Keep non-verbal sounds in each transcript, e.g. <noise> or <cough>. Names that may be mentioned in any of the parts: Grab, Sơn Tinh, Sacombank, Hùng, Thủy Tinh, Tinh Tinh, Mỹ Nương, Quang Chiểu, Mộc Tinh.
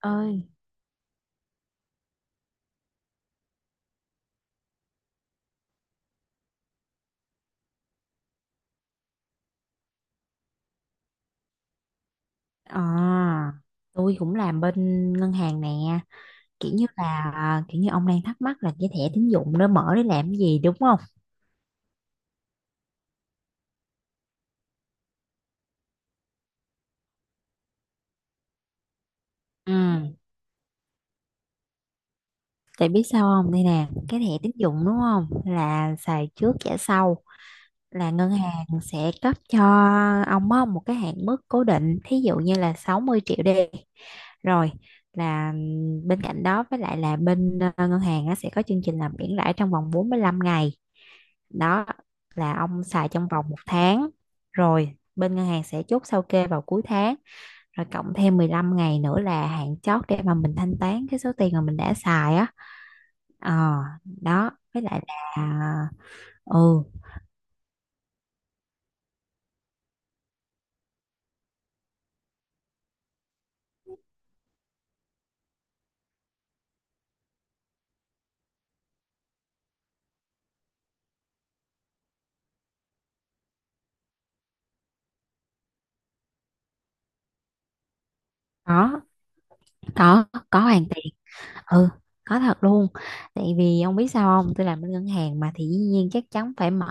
Ơi. ờ tôi cũng làm bên ngân hàng nè. Kiểu như ông đang thắc mắc là cái thẻ tín dụng đó mở để làm cái gì, đúng không? Ừ, tại biết sao không, đây nè cái thẻ tín dụng, đúng không, là xài trước trả sau. Là ngân hàng sẽ cấp cho ông á, một cái hạn mức cố định, thí dụ như là 60 triệu đi. Rồi là bên cạnh đó, với lại là bên ngân hàng á, sẽ có chương trình làm miễn lãi trong vòng 45 ngày. Đó là ông xài trong vòng một tháng, rồi bên ngân hàng sẽ chốt sao kê vào cuối tháng, rồi cộng thêm 15 ngày nữa là hạn chót để mà mình thanh toán cái số tiền mà mình đã xài á. ờ đó với lại là ờ, ừ, có có có hoàn tiền. Ừ, có thật luôn. Tại vì ông biết sao không, tôi làm bên ngân hàng mà, thì dĩ nhiên chắc chắn phải mở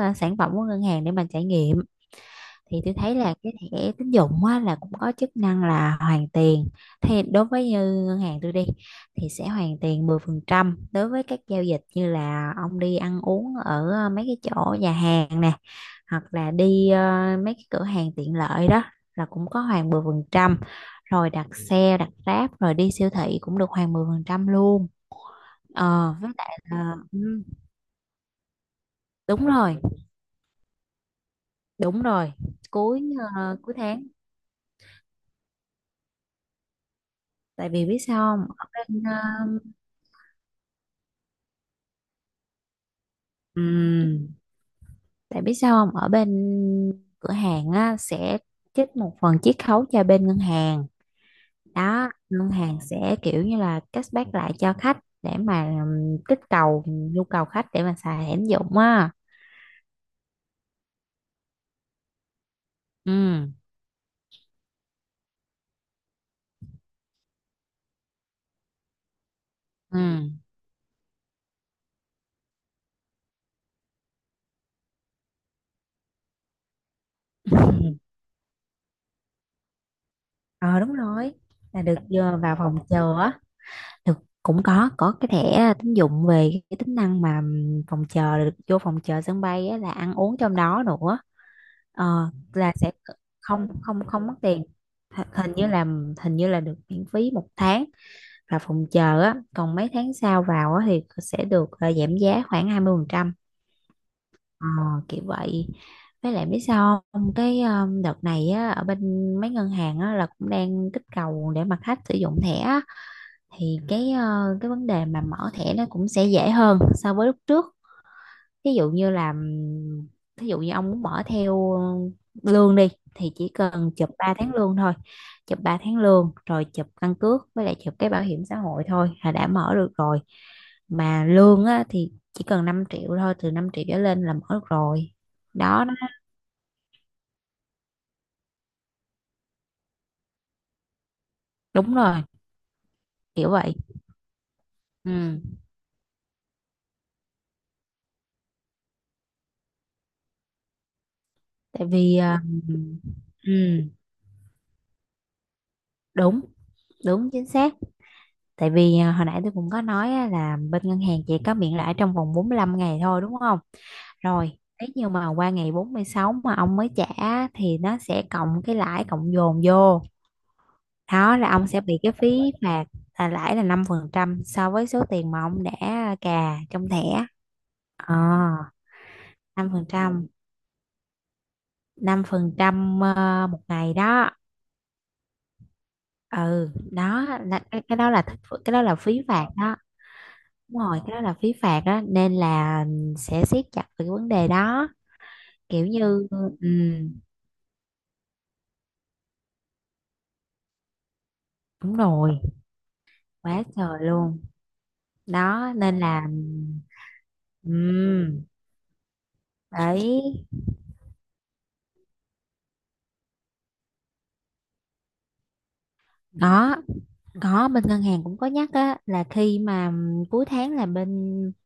sản phẩm của ngân hàng để mà trải nghiệm. Thì tôi thấy là cái thẻ tín dụng á, là cũng có chức năng là hoàn tiền. Thì đối với như ngân hàng tôi đi, thì sẽ hoàn tiền 10% đối với các giao dịch như là ông đi ăn uống ở mấy cái chỗ nhà hàng nè, hoặc là đi mấy cái cửa hàng tiện lợi đó là cũng có hoàn 10%. Rồi đặt xe, đặt Grab, rồi đi siêu thị cũng được hoàn 10% luôn. Với lại là, ừ, đúng rồi, đúng rồi. cuối Cuối tháng. Tại vì biết sao không ở bên ờ, ừm, Tại biết sao không ở bên cửa hàng á, sẽ trích một phần chiết khấu cho bên ngân hàng. Đó, ngân hàng sẽ kiểu như là cashback lại cho khách, để mà kích cầu nhu cầu khách để mà xài hẻm dụng á. Ừ, ừ. <laughs> Ờ, đúng rồi, là được, vào phòng chờ á. Thực cũng có cái thẻ tín dụng về cái tính năng mà phòng chờ, được vô phòng chờ sân bay á, là ăn uống trong đó nữa. Ờ, là sẽ... không, không, không mất tiền. Hình như là, hình như là được miễn phí một tháng. Và phòng chờ á, còn mấy tháng sau vào á, thì sẽ được giảm giá khoảng 20%. Ờ, kiểu vậy. Với lại biết sao không, cái đợt này á, ở bên mấy ngân hàng á, là cũng đang kích cầu để mà khách sử dụng thẻ. Thì cái vấn đề mà mở thẻ nó cũng sẽ dễ hơn so với lúc trước. Ví dụ như là thí dụ như ông muốn mở theo lương đi, thì chỉ cần chụp 3 tháng lương thôi. Chụp 3 tháng lương, rồi chụp căn cước, với lại chụp cái bảo hiểm xã hội thôi là đã mở được rồi. Mà lương á, thì chỉ cần 5 triệu thôi, từ 5 triệu trở lên là mở được rồi. đó nó- Đúng rồi. Kiểu vậy. Ừ. Tại vì ừ, ừ, đúng, đúng, chính xác. Tại vì hồi nãy tôi cũng có nói á, là bên ngân hàng chỉ có miễn lãi trong vòng 45 ngày thôi, đúng không? Rồi, nếu như mà qua ngày 46 mà ông mới trả, thì nó sẽ cộng cái lãi cộng dồn vô. Đó là ông sẽ bị cái phí phạt, là lãi là 5% so với số tiền mà ông đã cà trong thẻ. Ờ, 5%. 5% một ngày đó. Ừ, đó là cái đó là phí phạt đó. Đúng rồi, cái đó là phí phạt đó nên là sẽ siết chặt về cái vấn đề đó. Kiểu như, ừ, đúng rồi. Quá trời luôn. Đó nên là, ừ, đấy. Đó, có, bên ngân hàng cũng có nhắc á, là khi mà cuối tháng là bên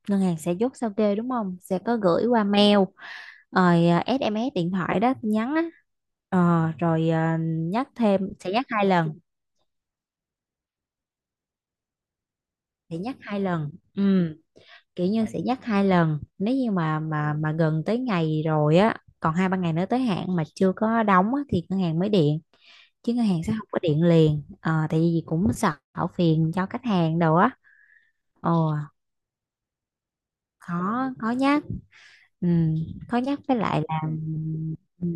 ngân hàng sẽ chốt sao kê, đúng không, sẽ có gửi qua mail, rồi SMS điện thoại đó, tin nhắn á. Ờ, rồi nhắc thêm, sẽ nhắc hai lần, ừ, kiểu như sẽ nhắc hai lần. Nếu như mà gần tới ngày rồi á, còn hai ba ngày nữa tới hạn mà chưa có đóng á, thì ngân hàng mới điện. Chứ ngân hàng sẽ không có điện liền. Ờ, tại vì cũng sợ phiền cho khách hàng đồ á. Ồ, khó khó nhắc, ừ, khó nhắc. Với lại là, ừ,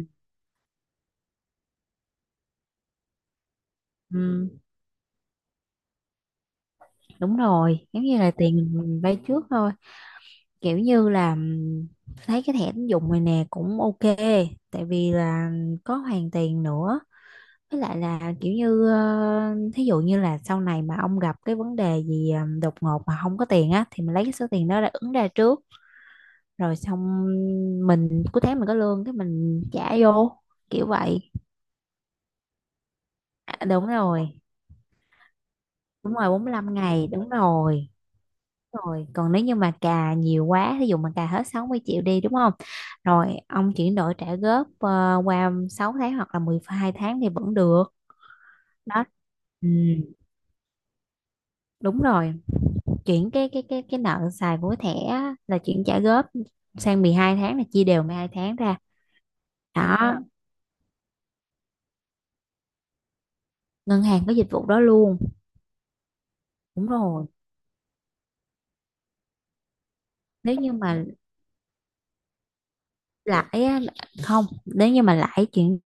ừ, đúng rồi, giống như là tiền mình vay trước thôi. Kiểu như là, thấy cái thẻ tín dụng này nè cũng ok. Tại vì là có hoàn tiền nữa. Với lại là kiểu như thí dụ như là sau này mà ông gặp cái vấn đề gì đột ngột mà không có tiền á, thì mình lấy cái số tiền đó ra ứng ra trước, rồi xong, mình cuối tháng mình có lương, cái mình trả vô, kiểu vậy. Đúng rồi, đúng rồi, 45 ngày, đúng rồi. Đúng rồi. Còn nếu như mà cà nhiều quá, thí dụ mà cà hết 60 triệu đi đúng không, rồi ông chuyển đổi trả góp qua 6 tháng hoặc là 12 tháng thì vẫn được. Đó, ừ, đúng rồi. Chuyển cái nợ xài vối thẻ á, là chuyển trả góp sang 12 tháng, là chia đều 12 tháng ra. Đó, ngân hàng có dịch vụ đó luôn. Đúng rồi. Nếu như mà lãi á, không, nếu như mà lãi chuyển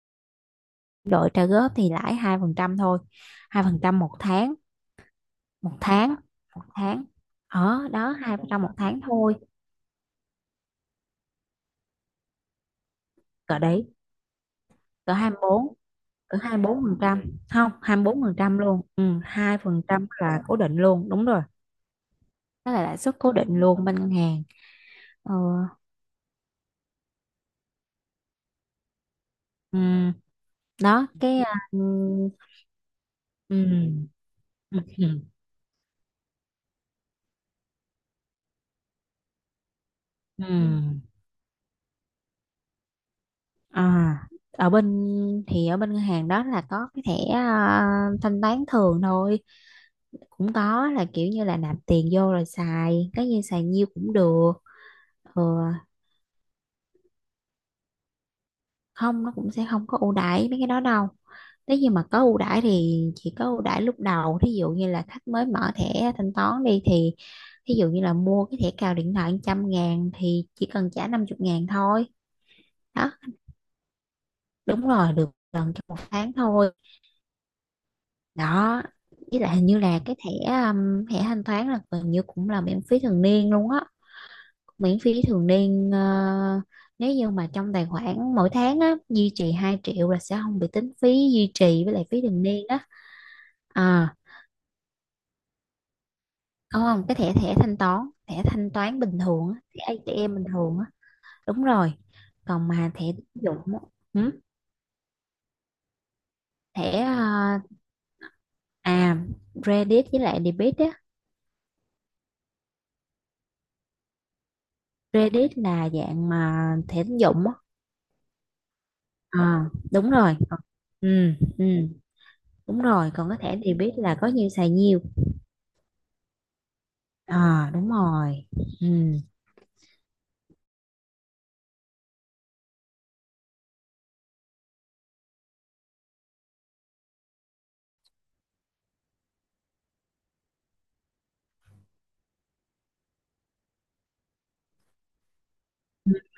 đổi trả góp thì lãi 2% thôi. Hai phần trăm một tháng. Một tháng một tháng. Ở đó 2% một tháng thôi. Cỡ đấy. cỡ hai bốn Cỡ 24%. Không, 24% luôn. Ừ, 2% là cố định luôn, đúng rồi. Đó là lãi suất cố định luôn bên ngân hàng. Ờ. Ừ. Đó. Cái ừ, ừ, ừ, ừ. Ở bên, thì ở bên ngân hàng đó là có cái thẻ thanh toán thường thôi, cũng có, là kiểu như là nạp tiền vô rồi xài, cái như xài nhiêu cũng được. Ừ, không, nó cũng sẽ không có ưu đãi mấy cái đó đâu. Nếu như mà có ưu đãi thì chỉ có ưu đãi lúc đầu, thí dụ như là khách mới mở thẻ thanh toán đi, thì thí dụ như là mua cái thẻ cào điện thoại 100.000 thì chỉ cần trả 50 ngàn thôi. Đó. Đúng rồi, được gần trong một tháng thôi. Đó, với lại hình như là cái thẻ, thẻ thanh toán là gần như cũng là miễn phí thường niên luôn á. Miễn phí thường niên. Ờ, Nếu như mà trong tài khoản mỗi tháng á duy trì 2 triệu là sẽ không bị tính phí duy trì với lại phí thường niên á. À, không, không, cái thẻ thẻ thanh toán. Thẻ thanh toán bình thường á, thẻ ATM bình thường á. Đúng rồi. Còn mà thẻ tín dụng á, ừ, thẻ à credit với lại debit á. Credit là dạng mà thẻ tín dụng á. À, đúng rồi. Còn... ừ, ừ, đúng rồi. Còn cái thẻ debit là có nhiêu xài nhiêu. À, đúng rồi. Ừ,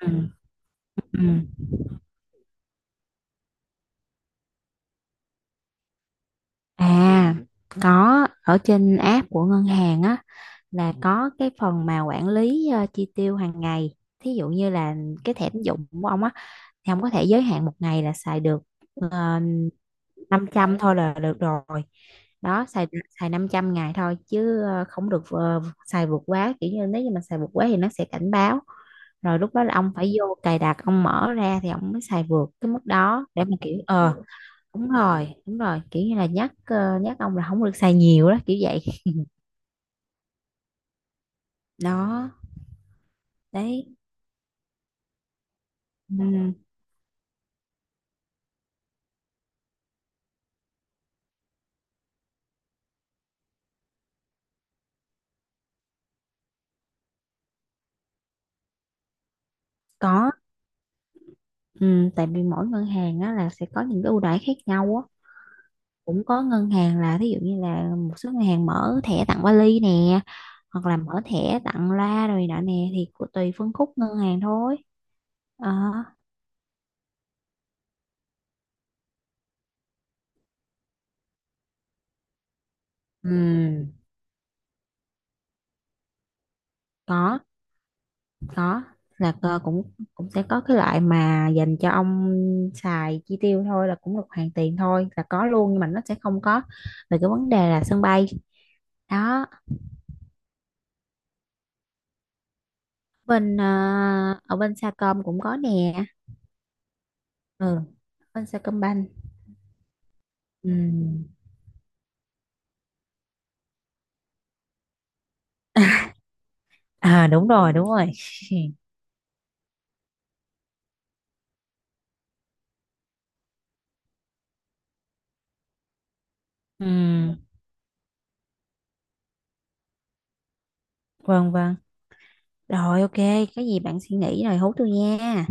ừ, ừ. À, có, ở trên app của ngân hàng á, là có cái phần mà quản lý chi tiêu hàng ngày. Thí dụ như là cái thẻ tín dụng của ông á, thì ông có thể giới hạn một ngày là xài được ờ, 500 thôi là được rồi. Đó, xài xài 500 ngày thôi. Chứ không được, xài vượt quá. Kiểu như nếu như mà xài vượt quá thì nó sẽ cảnh báo, rồi lúc đó là ông phải vô cài đặt, ông mở ra thì ông mới xài vượt cái mức đó, để mà kiểu ờ... Đúng rồi, đúng rồi, kiểu như là nhắc, nhắc ông là không được xài nhiều đó, kiểu vậy. Đó. Đấy. Ừ, có. Ừ, tại vì mỗi ngân hàng á, là sẽ có những cái ưu đãi khác nhau á. Cũng có ngân hàng là, thí dụ như là, một số ngân hàng mở thẻ tặng vali nè, hoặc là mở thẻ tặng loa rồi nọ nè, thì tùy phân khúc ngân hàng thôi. Ờ. Ừm, có, có. Là cơ cũng cũng sẽ có cái loại mà dành cho ông xài chi tiêu thôi là cũng được hoàn tiền thôi, là có luôn, nhưng mà nó sẽ không có về cái vấn đề là sân bay. Đó. bên ờ, Ở bên Sacom cũng có nè. Ừ, bên Sacombank. Ừ. À, đúng rồi, đúng rồi. <laughs> Ừ, vâng, vâng. Rồi ok, cái gì bạn suy nghĩ rồi hú tôi nha.